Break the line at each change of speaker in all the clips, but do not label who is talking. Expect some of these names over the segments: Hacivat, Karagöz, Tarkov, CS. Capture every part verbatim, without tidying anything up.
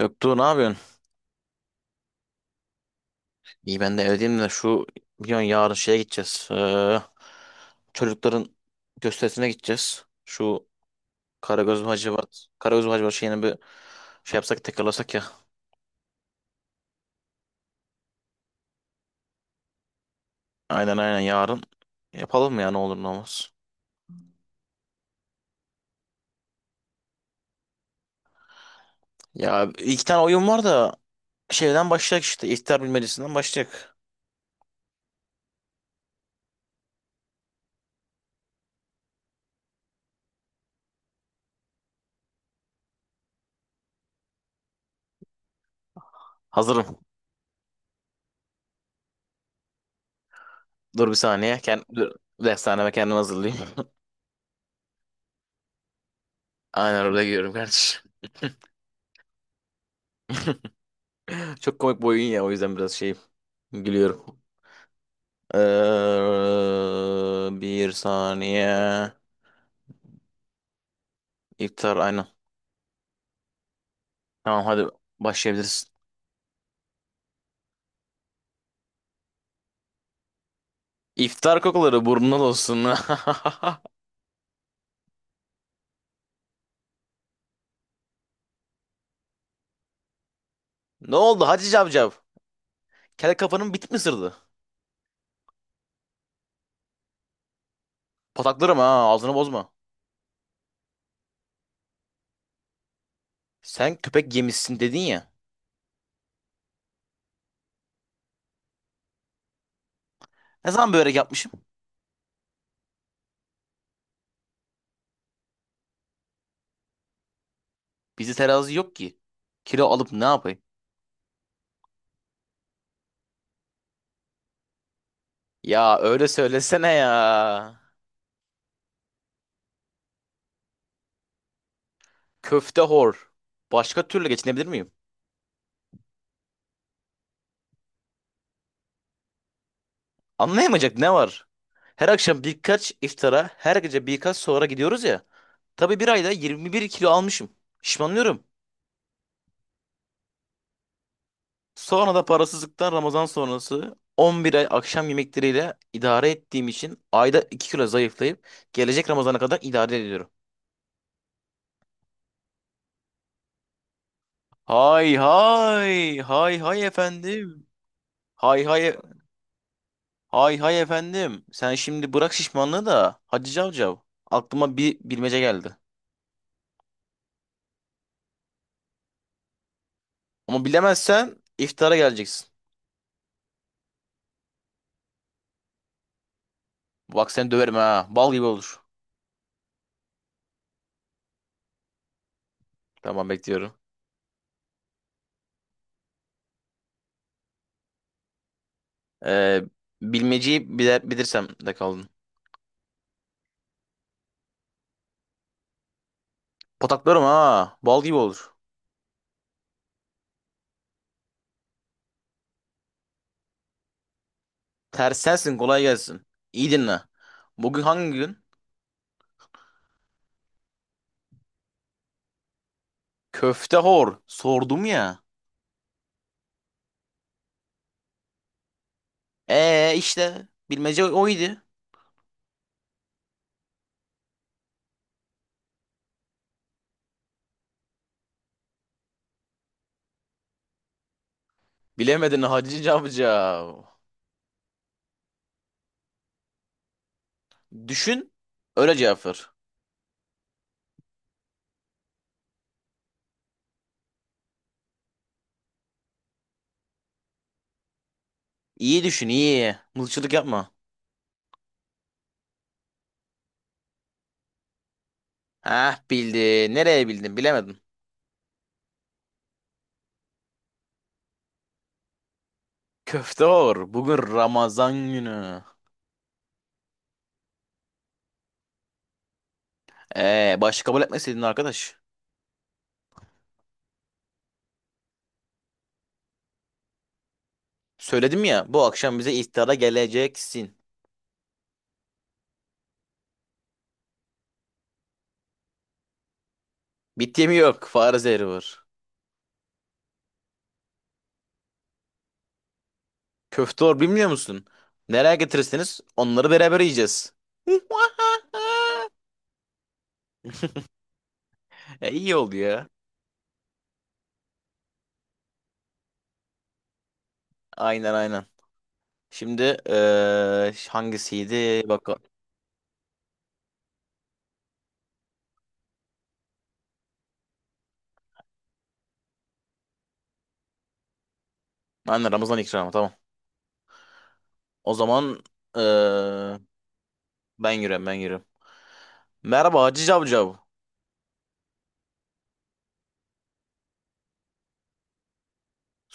Göktuğ ne yapıyorsun? İyi ben de evdeyim de şu biliyorsun yarın şeye gideceğiz. Ee, çocukların gösterisine gideceğiz. Şu Karagöz Hacivat, Karagöz Hacivat şeyini bir şey yapsak tekrarlasak ya. Aynen aynen yarın. Yapalım ya ne olur ne olmaz. Ya iki tane oyun var da şeyden başlayacak işte. İhtar bilmecesinden başlayacak. Hazırım. Dur bir saniye. Kend dur. Dershaneme kendimi hazırlayayım. Aynen orada giriyorum kardeşim. Çok komik bir oyun ya o yüzden biraz şeyim. Gülüyorum. Ee, bir saniye. İftar aynen. Tamam hadi başlayabilirsin. İftar kokuları burnuna dolsun. Ne oldu Hacı Cavcav? Kel kafanın bit mi sırdı? Pataklarım ha ağzını bozma. Sen köpek yemişsin dedin ya. Ne zaman börek yapmışım? Bizde terazi yok ki. Kilo alıp ne yapayım? Ya öyle söylesene ya. Köfte hor. Başka türlü geçinebilir miyim? Anlayamayacak ne var? Her akşam birkaç iftara, her gece birkaç sahura gidiyoruz ya. Tabii bir ayda yirmi bir kilo almışım. Şişmanlıyorum. Sonra da parasızlıktan Ramazan sonrası on bir ay akşam yemekleriyle idare ettiğim için ayda iki kilo zayıflayıp gelecek Ramazan'a kadar idare ediyorum. Hay hay hay hay efendim. Hay hay hay hay efendim. Sen şimdi bırak şişmanlığı da Hacı Cavcav. Aklıma bir bilmece geldi. Ama bilemezsen iftara geleceksin. Bak seni döverim ha. Bal gibi olur. Tamam bekliyorum. Ee, bilmeceyi bile bilirsem de kaldım. Pataklarım ha. Bal gibi olur. Ters sensin kolay gelsin. İyi dinle. Bugün hangi gün? Köfte hor. Sordum ya. Ee işte. Bilmece oydu. Bilemedin Hacı Cavcav. Düşün. Öyle cevap ver. İyi düşün iyi. Mızıkçılık yapma. Heh bildin. Nereye bildin bilemedin. Köfte hor. Bugün Ramazan günü. Ee, başka kabul etmeseydin arkadaş. Söyledim ya bu akşam bize iftara geleceksin. Bit yemi yok. Fare zehri var. Köfte var bilmiyor musun? Nereye getirirseniz onları beraber yiyeceğiz. E, iyi oldu ya. Aynen aynen. Şimdi eee, hangisiydi? Bak aynen Ramazan ikramı tamam. O zaman eee, ben yürüyorum ben yürüyorum. Merhaba Hacı Cavcav.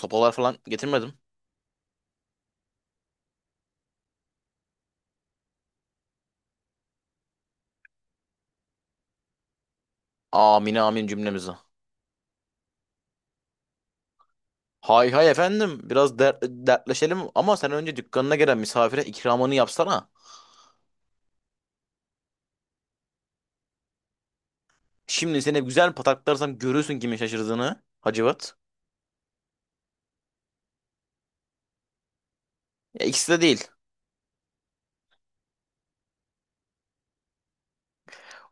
Sopalar falan getirmedim. Amin amin cümlemize. Hay hay efendim biraz dert, dertleşelim ama sen önce dükkanına gelen misafire ikramını yapsana. Şimdi seni güzel pataklarsam görürsün kimin şaşırdığını Hacivat. Ya ikisi de değil.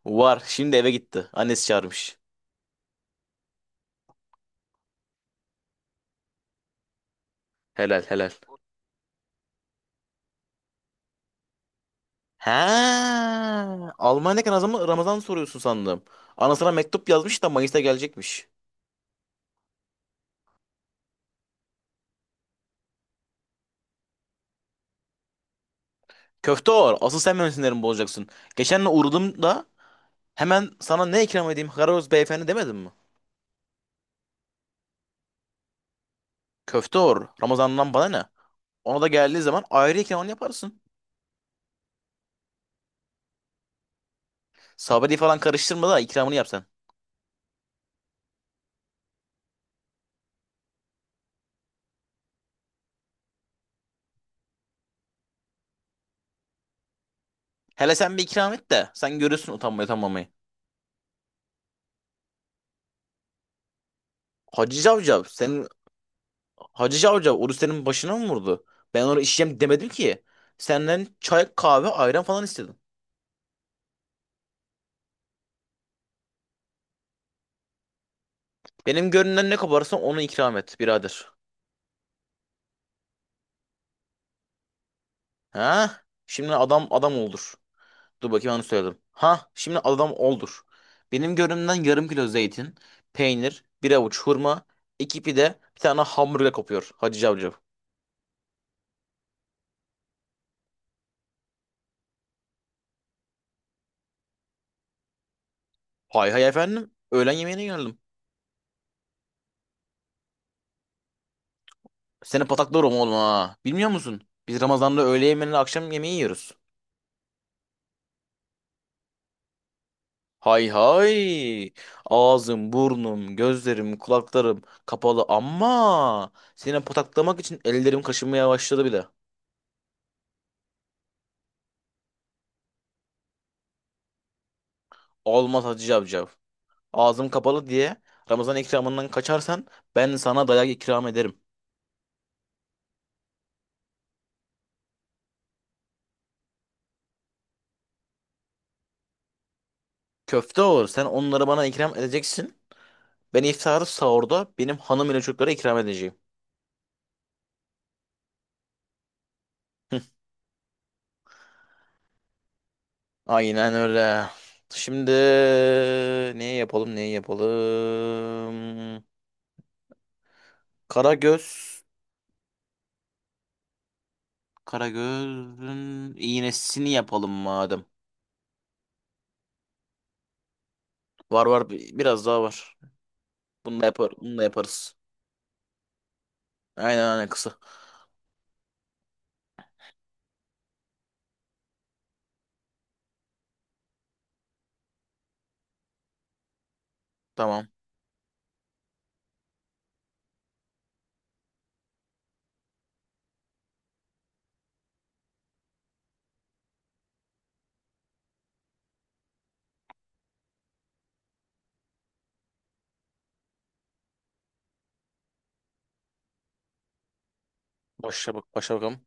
Var şimdi eve gitti. Annesi çağırmış. Helal helal. He, Almanya Ramazan Ramazan soruyorsun sandım. Anasına mektup yazmış da Mayıs'ta gelecekmiş. Köfte or. Asıl sen benim sinirimi bozacaksın. Geçenle uğradım da hemen sana ne ikram edeyim Karaoz beyefendi demedim mi? Köfte or. Ramazan'dan bana ne? Ona da geldiği zaman ayrı ikramını yaparsın. Sabri falan karıştırma da ikramını yap sen. Hele sen bir ikram et de sen görürsün utanmayı utanmamayı. Hacı Cavcav senin Hacı Cavcav oruç senin başına mı vurdu? Ben onu içeceğim demedim ki. Senden çay kahve ayran falan istedim. Benim gönlümden ne koparsan onu ikram et birader. Ha? Şimdi adam adam oldur. Dur bakayım onu söyledim. Ha? Şimdi adam oldur. Benim gönlümden yarım kilo zeytin, peynir, bir avuç hurma, iki pide, bir tane hamburger kopuyor Hacı Cavcav. Hay hay efendim. Öğlen yemeğine geldim. Seni pataklarım oğlum ha. Bilmiyor musun? Biz Ramazan'da öğle yemeğiyle akşam yemeği yiyoruz. Hay hay. Ağzım, burnum, gözlerim, kulaklarım kapalı ama seni pataklamak için ellerim kaşınmaya başladı bile. Olmaz Hacı Cavcav. Ağzım kapalı diye Ramazan ikramından kaçarsan ben sana dayak ikram ederim. Köfte olur. Sen onları bana ikram edeceksin. Ben iftarı sahurda benim hanım ile çocuklara ikram edeceğim. Aynen öyle. Şimdi neyi yapalım neyi yapalım? Karagöz. Karagöz'ün iğnesini yapalım madem. Var var bi- biraz daha var. Bunu da yapar, bunu da yaparız. Aynen aynen kısa. Tamam. Başla bak başa bakalım.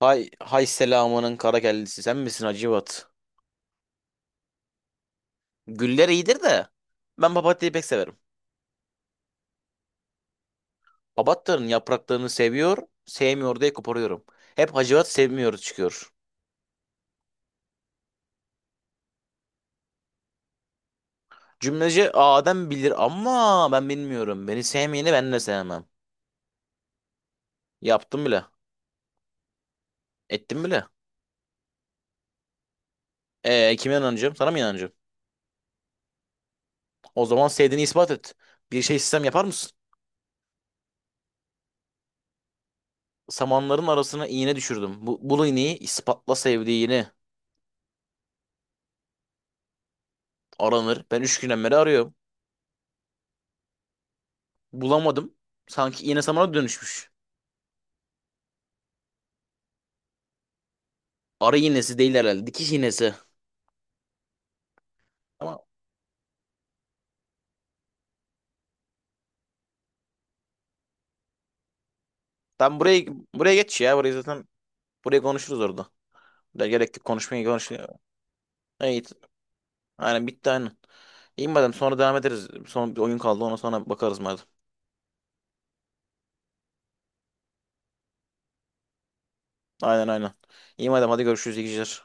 Hay hay selamının kara kellesi sen misin Hacivat? Güller iyidir de ben papatyayı pek severim. Papatyanın yapraklarını seviyor, sevmiyor diye koparıyorum. Hep Hacivat sevmiyor çıkıyor. Cümleci Adem bilir ama ben bilmiyorum. Beni sevmeyeni ben de sevmem. Yaptım bile. Ettim bile. Ee, kime inanacağım? Sana mı inanacağım? O zaman sevdiğini ispat et. Bir şey sistem yapar mısın? Samanların arasına iğne düşürdüm. Bu, bul iğneyi ispatla sevdiğini. Aranır. Ben üç günden beri arıyorum. Bulamadım. Sanki iğne samana dönüşmüş. Arı iğnesi değil herhalde. Dikiş iğnesi. Ama ben buraya buraya geç ya. Burayı zaten buraya konuşuruz orada. Ya gerek yok konuşmaya konuşmaya. Evet. Aynen bitti aynen. İyi madem sonra devam ederiz. Son bir oyun kaldı ona sonra bakarız madem. Aynen aynen. İyi madem hadi görüşürüz iyi geceler.